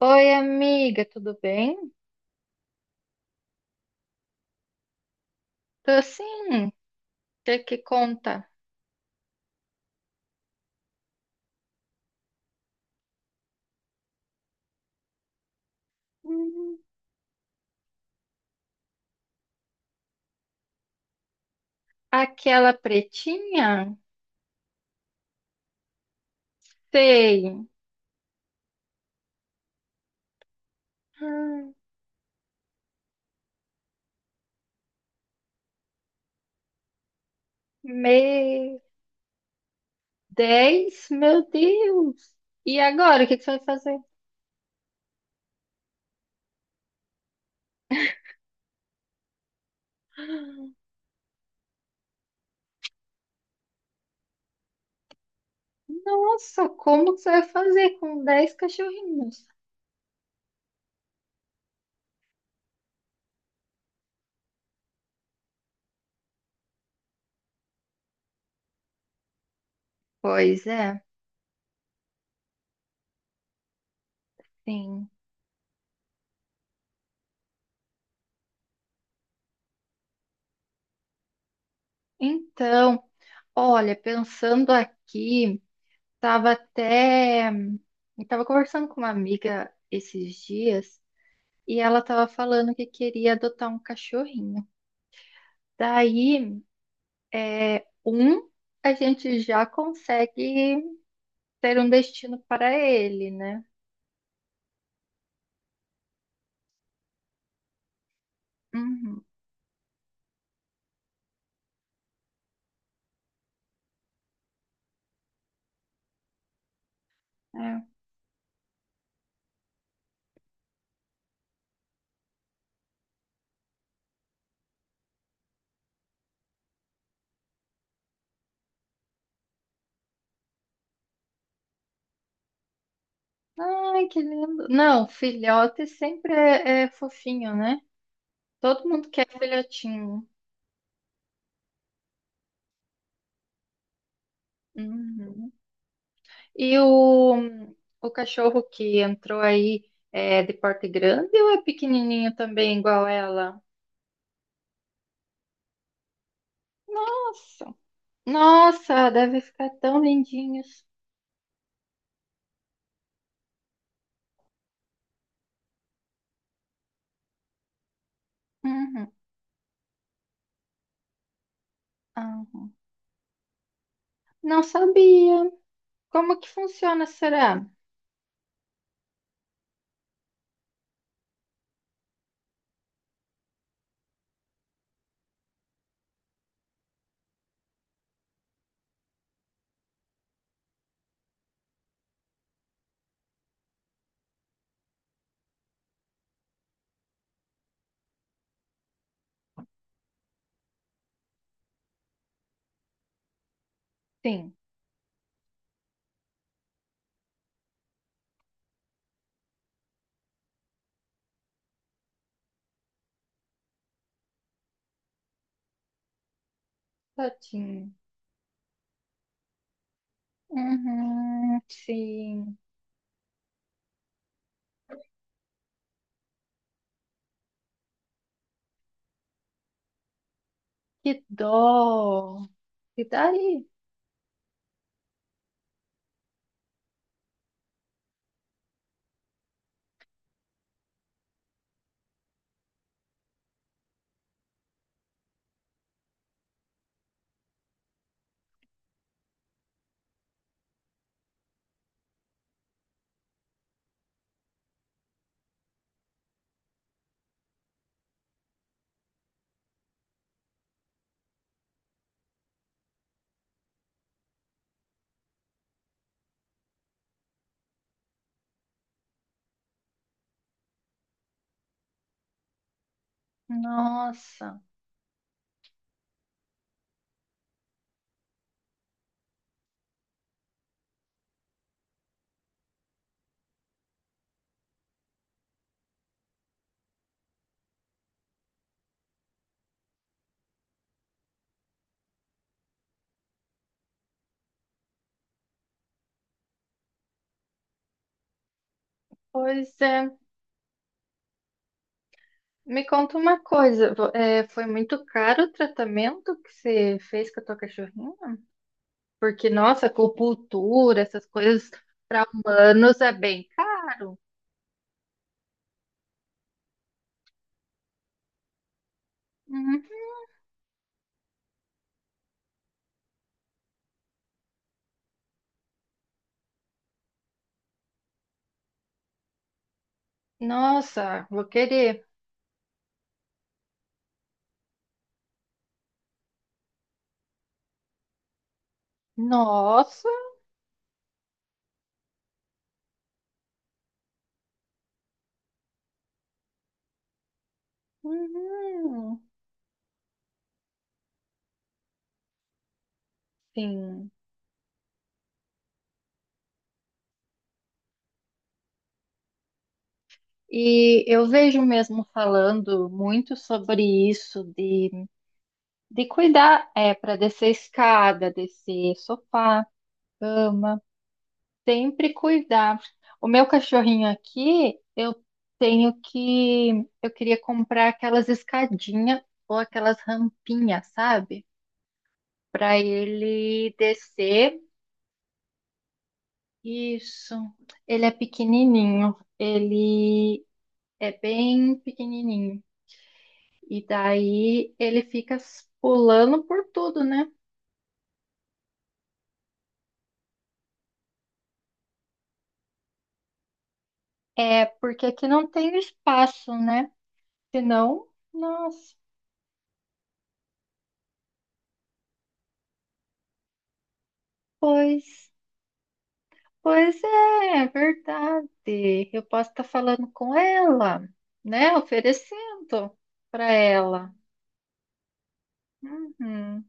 Oi, amiga, tudo bem? Tô sim, você que conta. Hum. Aquela pretinha? Sei. Ah. Me... Dez? Meu Deus! E agora, o que que você vai fazer? Nossa, como que você vai fazer com dez cachorrinhos? Pois é, sim. Então, olha, pensando aqui, tava até... Eu tava conversando com uma amiga esses dias e ela estava falando que queria adotar um cachorrinho. Daí, é, um, a gente já consegue ter um destino para ele, né? Uhum, é. Ai, que lindo. Não, filhote sempre é fofinho, né? Todo mundo quer filhotinho. Uhum. E o, o cachorro que entrou aí é de porte grande ou é pequenininho também, igual ela? Nossa, nossa, deve ficar tão lindinhos. Uhum. Ah, não sabia. Como que funciona, será? Sim, tadinho. Uhum, sim. Que dó. E daí? Nossa. Pois é. Me conta uma coisa. Foi muito caro o tratamento que você fez com a tua cachorrinha? Porque, nossa, acupuntura, essas coisas para humanos é bem caro. Uhum. Nossa, vou querer. Nossa. Uhum. Sim. E eu vejo mesmo falando muito sobre isso, de cuidar, é, para descer escada, descer sofá, cama, sempre cuidar. O meu cachorrinho aqui, tenho que, eu queria comprar aquelas escadinhas ou aquelas rampinhas, sabe? Para ele descer. Isso. Ele é pequenininho. Ele é bem pequenininho. E daí ele fica pulando por tudo, né? É, porque aqui não tem espaço, né? Senão, nossa, pois, pois é, é verdade. Eu posso estar falando com ela, né? Oferecendo para ela. Uhum,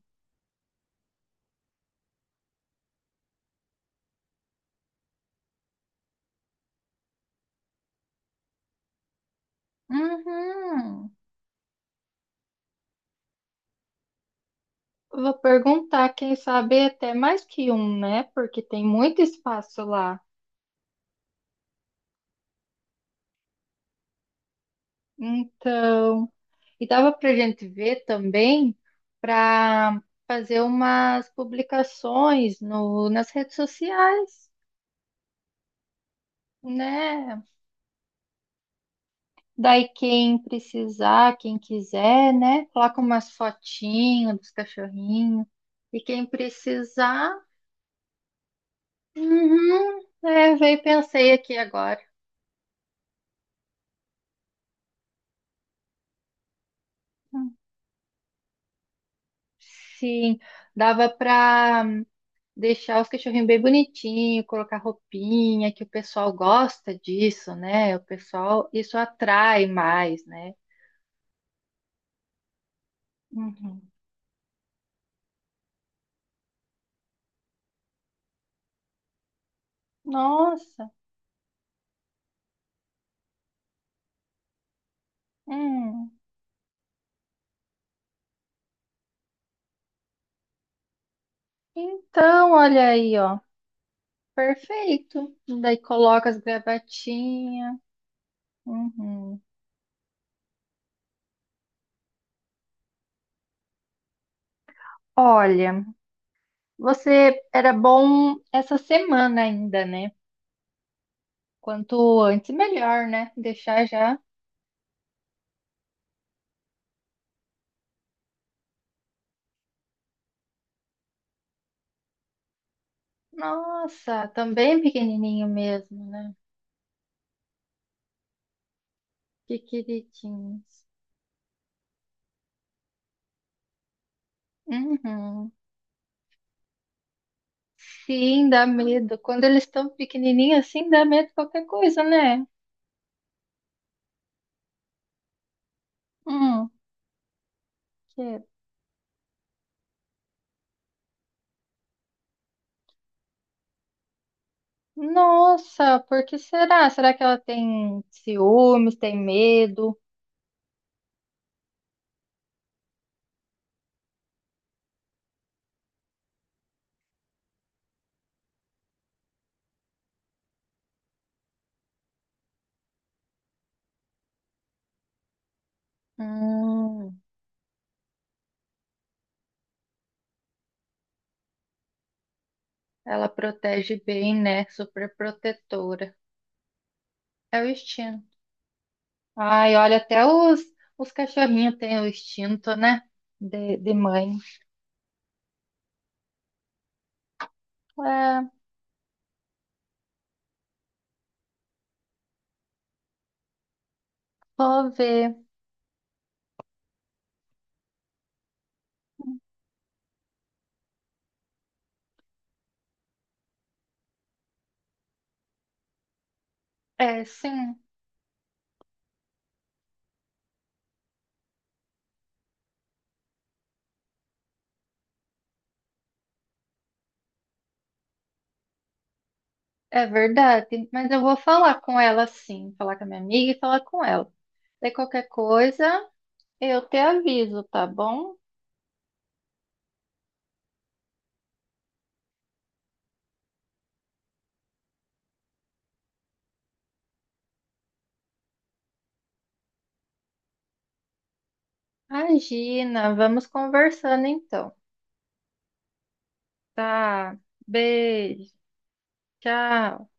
uhum. Vou perguntar, quem sabe até mais que um, né? Porque tem muito espaço lá. Então. E dava para a gente ver também para fazer umas publicações no, nas redes sociais, né? Daí quem precisar, quem quiser, né? Coloca umas fotinhas dos cachorrinhos. E quem precisar, uhum, é, veio e pensei aqui agora. Sim, dava para deixar os cachorrinhos bem bonitinho, colocar roupinha, que o pessoal gosta disso, né? O pessoal, isso atrai mais, né? Uhum. Nossa, hum. Então, olha aí, ó. Perfeito. Daí coloca as gravatinhas. Uhum. Olha, você era bom essa semana ainda, né? Quanto antes, melhor, né? Deixar já. Nossa, também pequenininho mesmo, né? Que queridinhos. Uhum. Sim, dá medo. Quando eles estão pequenininhos assim, dá medo de qualquer coisa, né? Hum, que- Nossa, por que será? Será que ela tem ciúmes, tem medo? Hum, ela protege bem, né? Super protetora. É o instinto. Ai, olha, até os cachorrinhos têm o instinto, né? De mãe. É, vou ver. É, sim. É verdade, mas eu vou falar com ela sim, falar com a minha amiga e falar com ela. Daí qualquer coisa, eu te aviso, tá bom? Imagina, vamos conversando então, tá? Beijo, tchau.